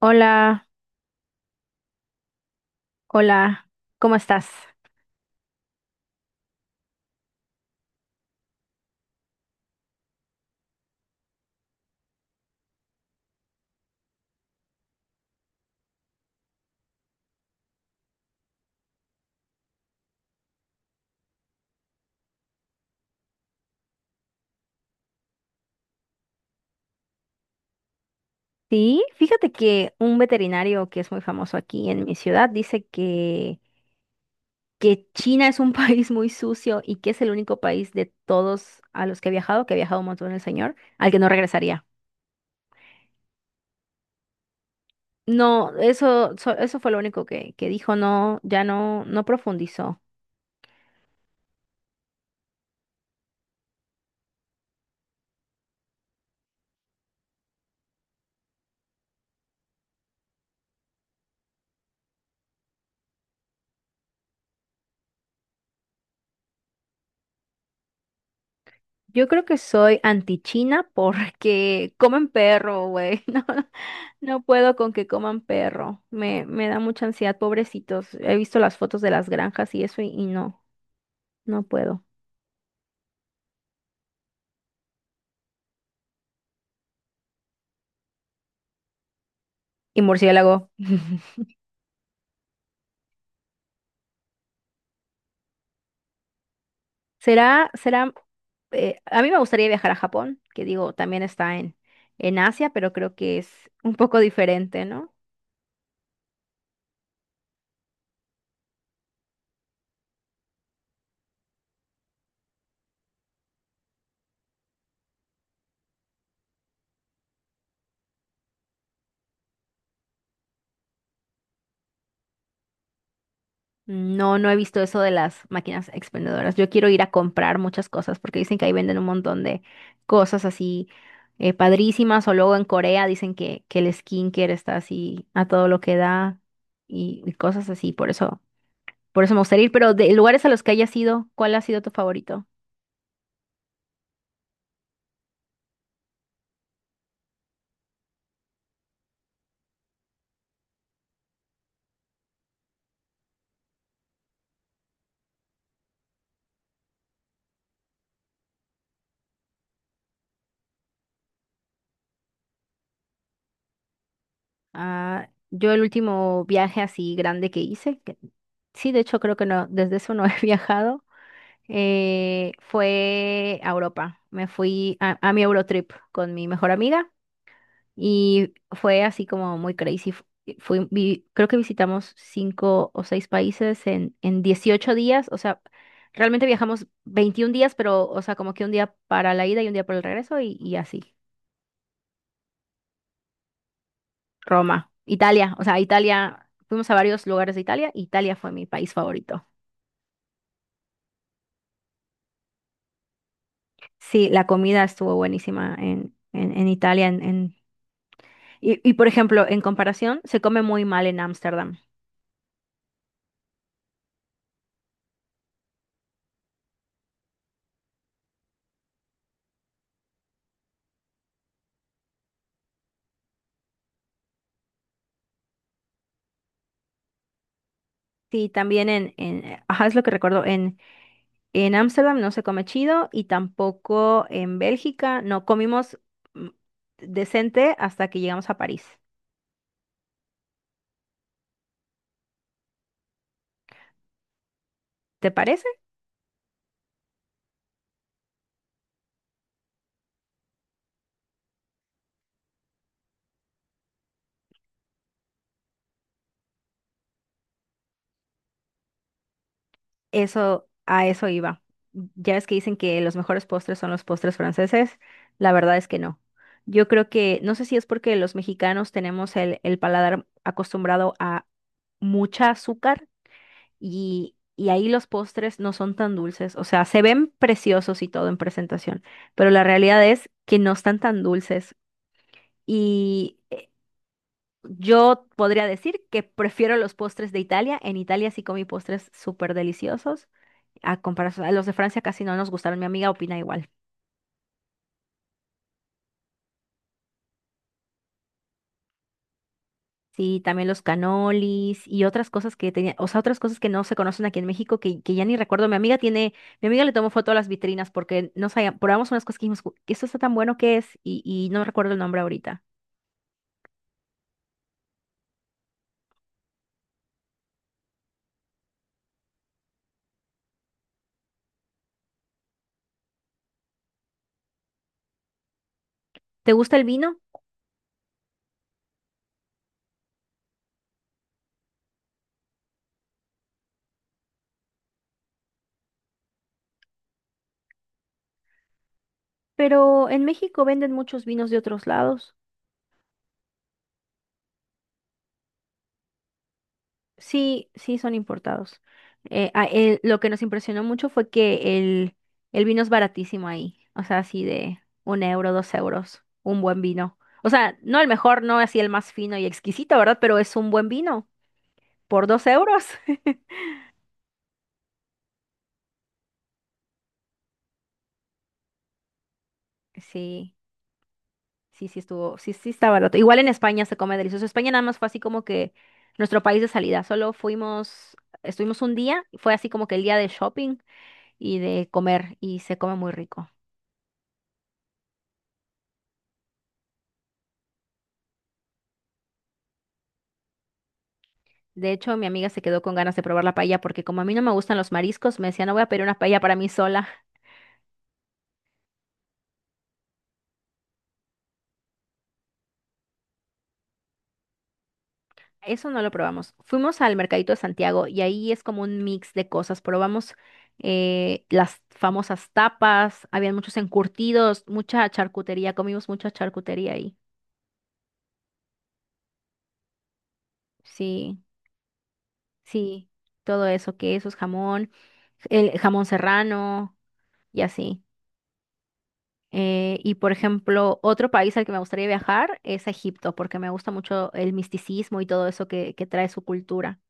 Hola, hola, ¿cómo estás? Sí, fíjate que un veterinario que es muy famoso aquí en mi ciudad dice que China es un país muy sucio y que es el único país de todos a los que he viajado, que ha viajado un montón el señor, al que no regresaría. No, eso fue lo único que dijo, no, ya no, no profundizó. Yo creo que soy anti-China porque comen perro, güey. No, no puedo con que coman perro. Me da mucha ansiedad, pobrecitos. He visto las fotos de las granjas y eso y no, puedo. Y murciélago. Será, será, a mí me gustaría viajar a Japón, que digo, también está en Asia, pero creo que es un poco diferente, ¿no? No, no he visto eso de las máquinas expendedoras. Yo quiero ir a comprar muchas cosas porque dicen que ahí venden un montón de cosas así, padrísimas. O luego en Corea dicen que el skincare está así a todo lo que da y cosas así. Por eso me gustaría ir. Pero de lugares a los que hayas ido, ¿cuál ha sido tu favorito? Ah, yo el último viaje así grande que hice, sí, de hecho creo que no, desde eso no he viajado. Fue a Europa. Me fui a mi Eurotrip con mi mejor amiga y fue así como muy crazy. Fui, creo que visitamos cinco o seis países en 18 días. O sea, realmente viajamos 21 días, pero, o sea, como que un día para la ida y un día para el regreso y así. Roma, Italia, o sea, Italia, fuimos a varios lugares de Italia. Italia fue mi país favorito. Sí, la comida estuvo buenísima en Italia, y, por ejemplo, en comparación, se come muy mal en Ámsterdam. Sí, también ajá, es lo que recuerdo, en Ámsterdam no se come chido y tampoco en Bélgica no comimos mm, decente hasta que llegamos a París. ¿Te parece? Eso, a eso iba. Ya es que dicen que los mejores postres son los postres franceses. La verdad es que no. Yo creo que, no sé si es porque los mexicanos tenemos el paladar acostumbrado a mucha azúcar y ahí los postres no son tan dulces, o sea, se ven preciosos y todo en presentación, pero la realidad es que no están tan dulces y, yo podría decir que prefiero los postres de Italia, en Italia sí comí postres súper deliciosos, a comparación a los de Francia casi no nos gustaron, mi amiga opina igual. Sí, también los canolis y otras cosas que tenía, o sea, otras cosas que no se conocen aquí en México que ya ni recuerdo. Mi amiga le tomó foto a las vitrinas porque no sabía, probamos unas cosas que dijimos, "Ju- esto está tan bueno que es", y no recuerdo el nombre ahorita. ¿Te gusta el vino? Pero en México venden muchos vinos de otros lados. Sí, sí, son importados. Lo que nos impresionó mucho fue que el vino es baratísimo ahí. O sea, así de 1 euro, 2 euros, un buen vino. O sea, no el mejor, no así el más fino y exquisito, ¿verdad? Pero es un buen vino por 2 euros. Sí, sí, sí estuvo, sí, sí está barato. Igual en España se come delicioso. España nada más fue así como que nuestro país de salida. Solo fuimos, estuvimos un día, fue así como que el día de shopping y de comer y se come muy rico. De hecho, mi amiga se quedó con ganas de probar la paella porque como a mí no me gustan los mariscos, me decía, no voy a pedir una paella para mí sola. Eso no lo probamos. Fuimos al Mercadito de Santiago y ahí es como un mix de cosas. Probamos, las famosas tapas, habían muchos encurtidos, mucha charcutería, comimos mucha charcutería ahí. Sí, sí, todo eso, quesos, jamón, el jamón serrano y así. Y, por ejemplo, otro país al que me gustaría viajar es a Egipto, porque me gusta mucho el misticismo y todo eso que trae su cultura.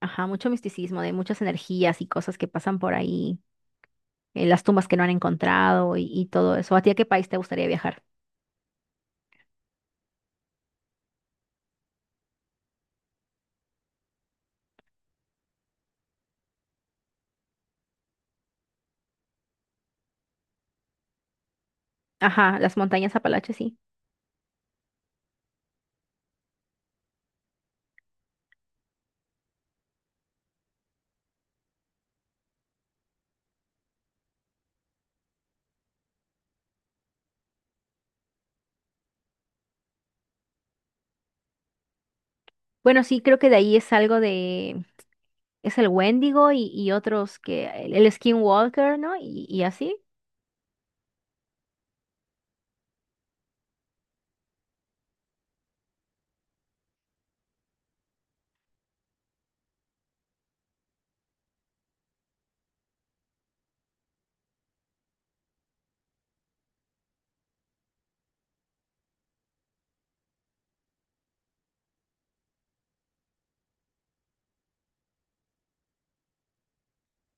Ajá, mucho misticismo, de muchas energías y cosas que pasan por ahí, las tumbas que no han encontrado y todo eso. ¿A ti a qué país te gustaría viajar? Ajá, las montañas Apalaches, sí. Bueno, sí, creo que de ahí es algo es el Wendigo y otros el Skinwalker, ¿no? Y así.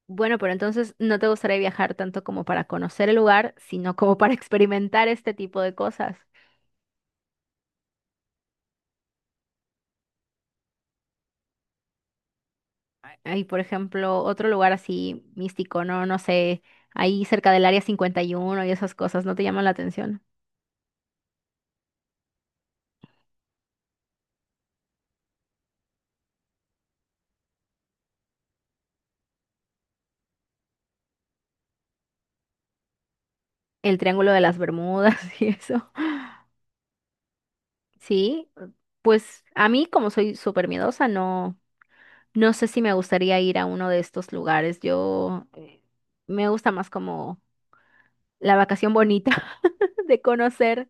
Bueno, pero entonces no te gustaría viajar tanto como para conocer el lugar, sino como para experimentar este tipo de cosas. Hay, por ejemplo, otro lugar así místico, ¿no? No sé, ahí cerca del Área 51 y uno y esas cosas, ¿no te llaman la atención? El Triángulo de las Bermudas y eso. Sí, pues a mí como soy súper miedosa, no, no sé si me gustaría ir a uno de estos lugares. Yo, me gusta más como la vacación bonita de conocer.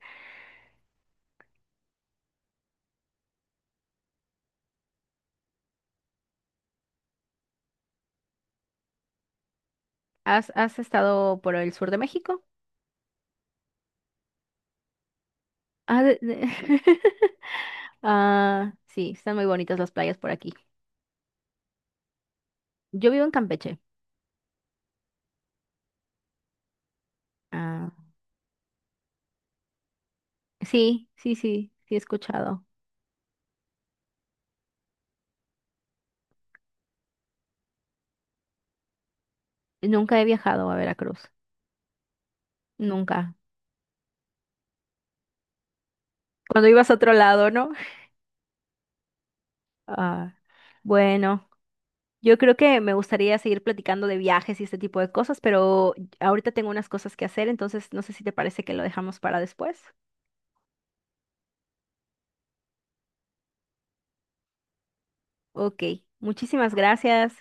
¿Has estado por el sur de México? Ah. Ah, sí, están muy bonitas las playas por aquí. Yo vivo en Campeche. Ah, sí, sí, sí, sí he escuchado. Nunca he viajado a Veracruz. Nunca. Cuando ibas a otro lado, ¿no? Ah, bueno, yo creo que me gustaría seguir platicando de viajes y este tipo de cosas, pero ahorita tengo unas cosas que hacer, entonces no sé si te parece que lo dejamos para después. Ok, muchísimas gracias.